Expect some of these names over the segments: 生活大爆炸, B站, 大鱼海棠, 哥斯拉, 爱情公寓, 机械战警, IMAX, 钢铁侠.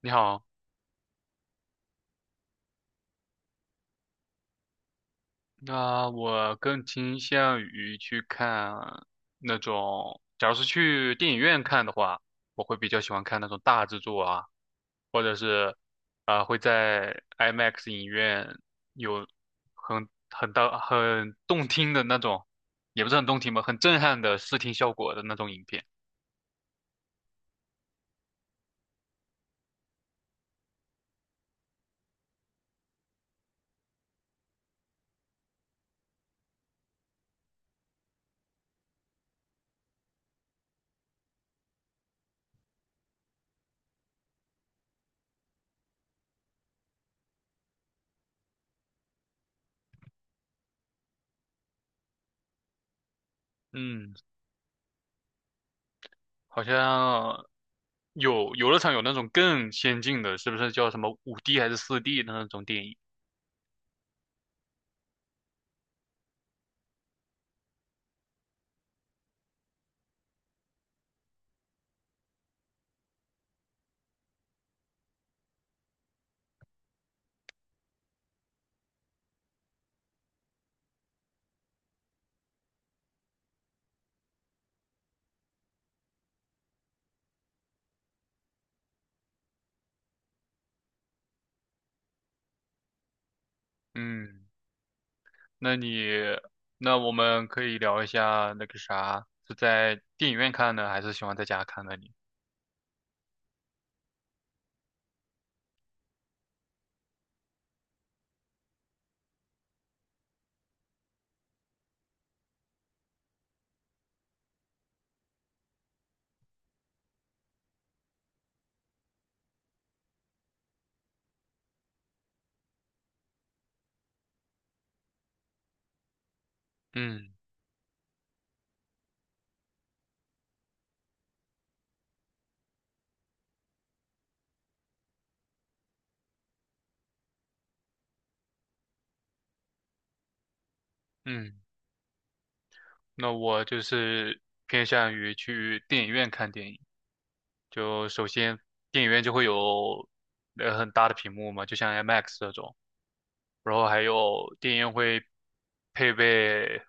你好，那我更倾向于去看那种，假如是去电影院看的话，我会比较喜欢看那种大制作啊，或者是会在 IMAX 影院有很大很动听的那种，也不是很动听吧，很震撼的视听效果的那种影片。嗯，好像有游乐场有那种更先进的，是不是叫什么5D 还是4D 的那种电影？嗯。那你，那我们可以聊一下那个啥，是在电影院看呢，还是喜欢在家看呢？你？嗯嗯，那我就是偏向于去电影院看电影。就首先，电影院就会有很大的屏幕嘛，就像 IMAX 这种，然后还有电影院会配备，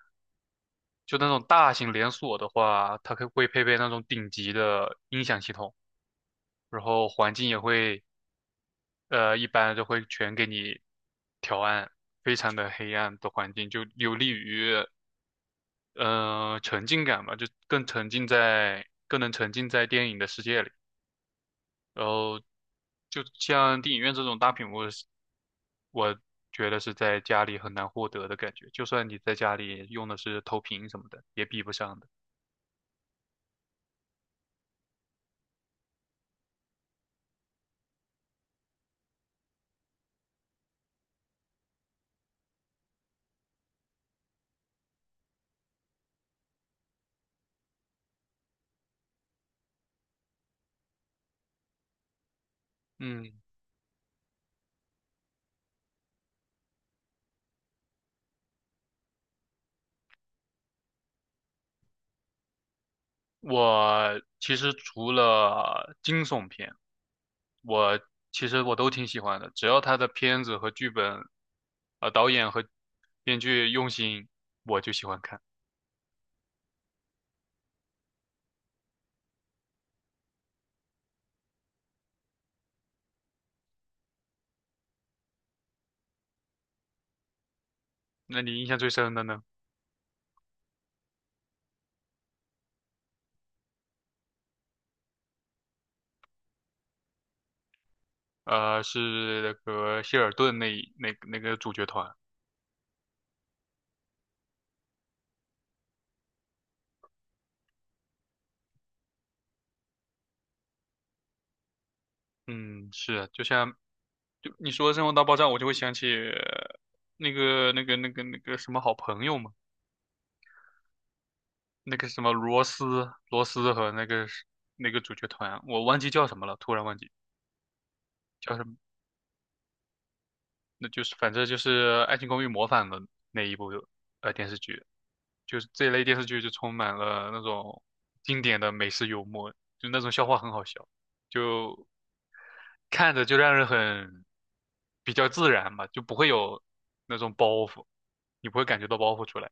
就那种大型连锁的话，它可会配备那种顶级的音响系统，然后环境也会一般都会全给你调暗，非常的黑暗的环境，就有利于沉浸感吧，就更沉浸在，更能沉浸在电影的世界里。然后，就像电影院这种大屏幕是，我觉得是在家里很难获得的感觉，就算你在家里用的是投屏什么的，也比不上的。嗯，我其实除了惊悚片，我其实都挺喜欢的，只要他的片子和剧本，导演和编剧用心，我就喜欢看。那你印象最深的呢？呃，是那个谢尔顿那一那那个主角团。嗯，是啊，就你说《生活大爆炸》，我就会想起那个什么好朋友嘛，那个什么罗斯和那个是那个主角团，我忘记叫什么了，突然忘记。叫什么？那就是反正就是《爱情公寓》模仿的那一部电视剧，就是这类电视剧就充满了那种经典的美式幽默，就那种笑话很好笑，就看着就让人很比较自然吧，就不会有那种包袱，你不会感觉到包袱出来。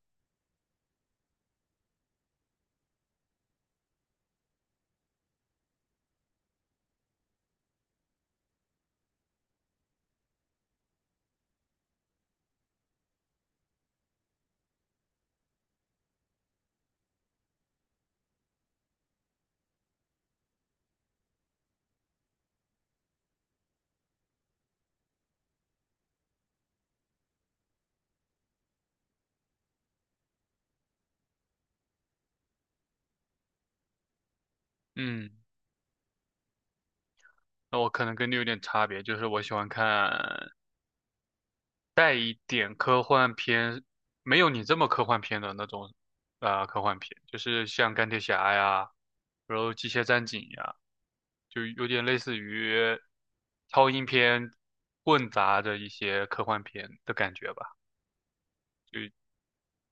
嗯，那我可能跟你有点差别，就是我喜欢看带一点科幻片，没有你这么科幻片的那种，科幻片，就是像钢铁侠呀，然后机械战警呀，就有点类似于超英片混杂着一些科幻片的感觉吧。就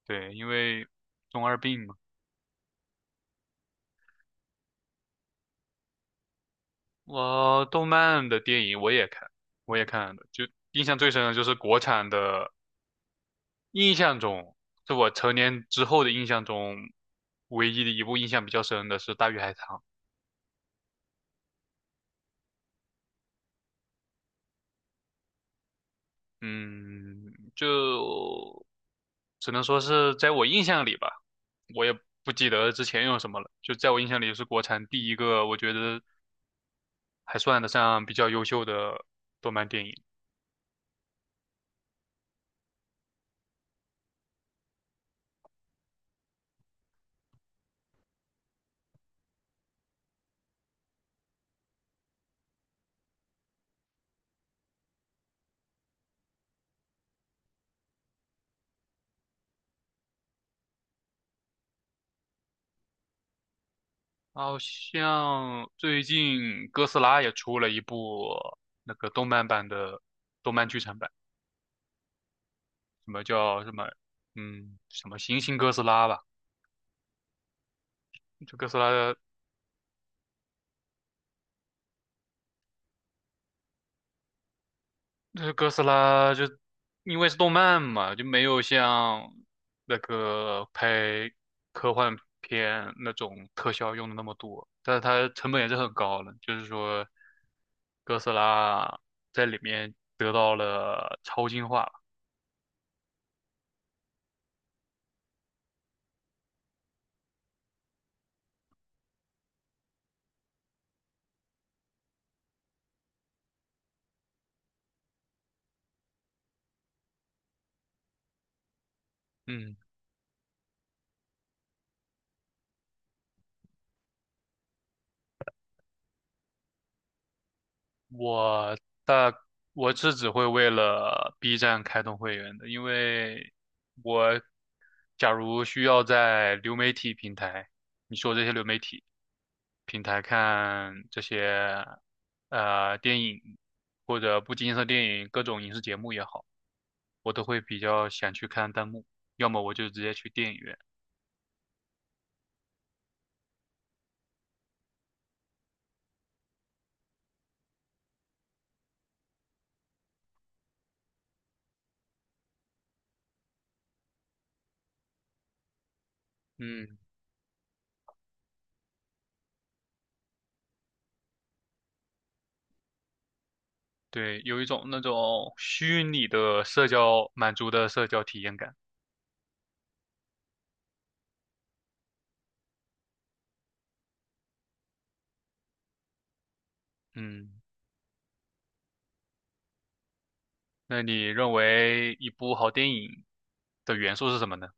对，因为中二病嘛。我动漫的电影我也看，我也看的，就印象最深的就是国产的印象中，是我成年之后的印象中，唯一的一部印象比较深的是《大鱼海棠》。嗯，就只能说是在我印象里吧，我也不记得之前有什么了。就在我印象里，是国产第一个我觉得还算得上比较优秀的动漫电影。好像最近哥斯拉也出了一部那个动漫版的动漫剧场版，什么叫什么什么行星哥斯拉吧。就哥斯拉的，就是哥斯拉就因为是动漫嘛，就没有像那个拍科幻片那种特效用的那么多，但是它成本也是很高的，就是说哥斯拉在里面得到了超进化。嗯，我大我是只会为了 B 站开通会员的，因为我假如需要在流媒体平台，你说这些流媒体。平台看这些电影或者不经意的电影，各种影视节目也好，我都会比较想去看弹幕，要么我就直接去电影院。嗯，对，有一种那种虚拟的社交满足的社交体验感。嗯，那你认为一部好电影的元素是什么呢？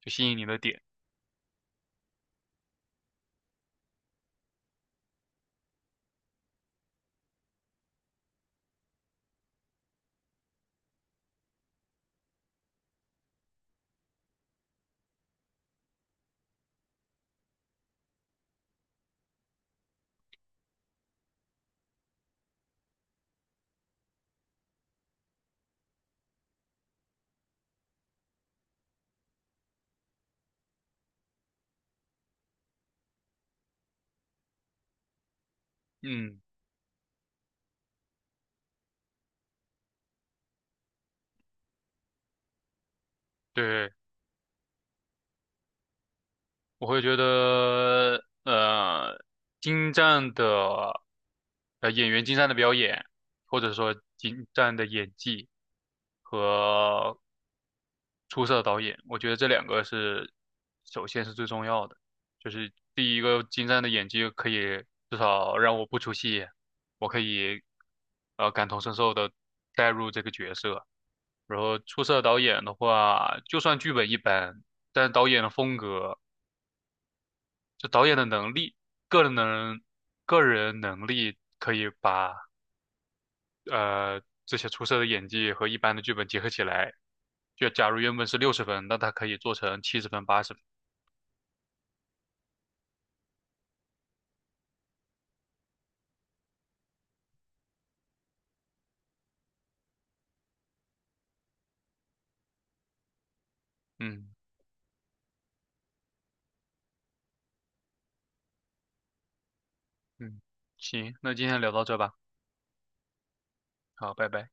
就吸引你的点。嗯，对。我会觉得，精湛的，演员精湛的表演，或者说精湛的演技和出色的导演，我觉得这两个是首先是最重要的。就是第一个精湛的演技可以至少让我不出戏，我可以感同身受的带入这个角色。然后出色的导演的话，就算剧本一般，但导演的风格。就导演的能力，个人能个人能力可以把这些出色的演技和一般的剧本结合起来。就假如原本是60分，那他可以做成70分、80分。嗯嗯，行，那今天聊到这吧，好，拜拜。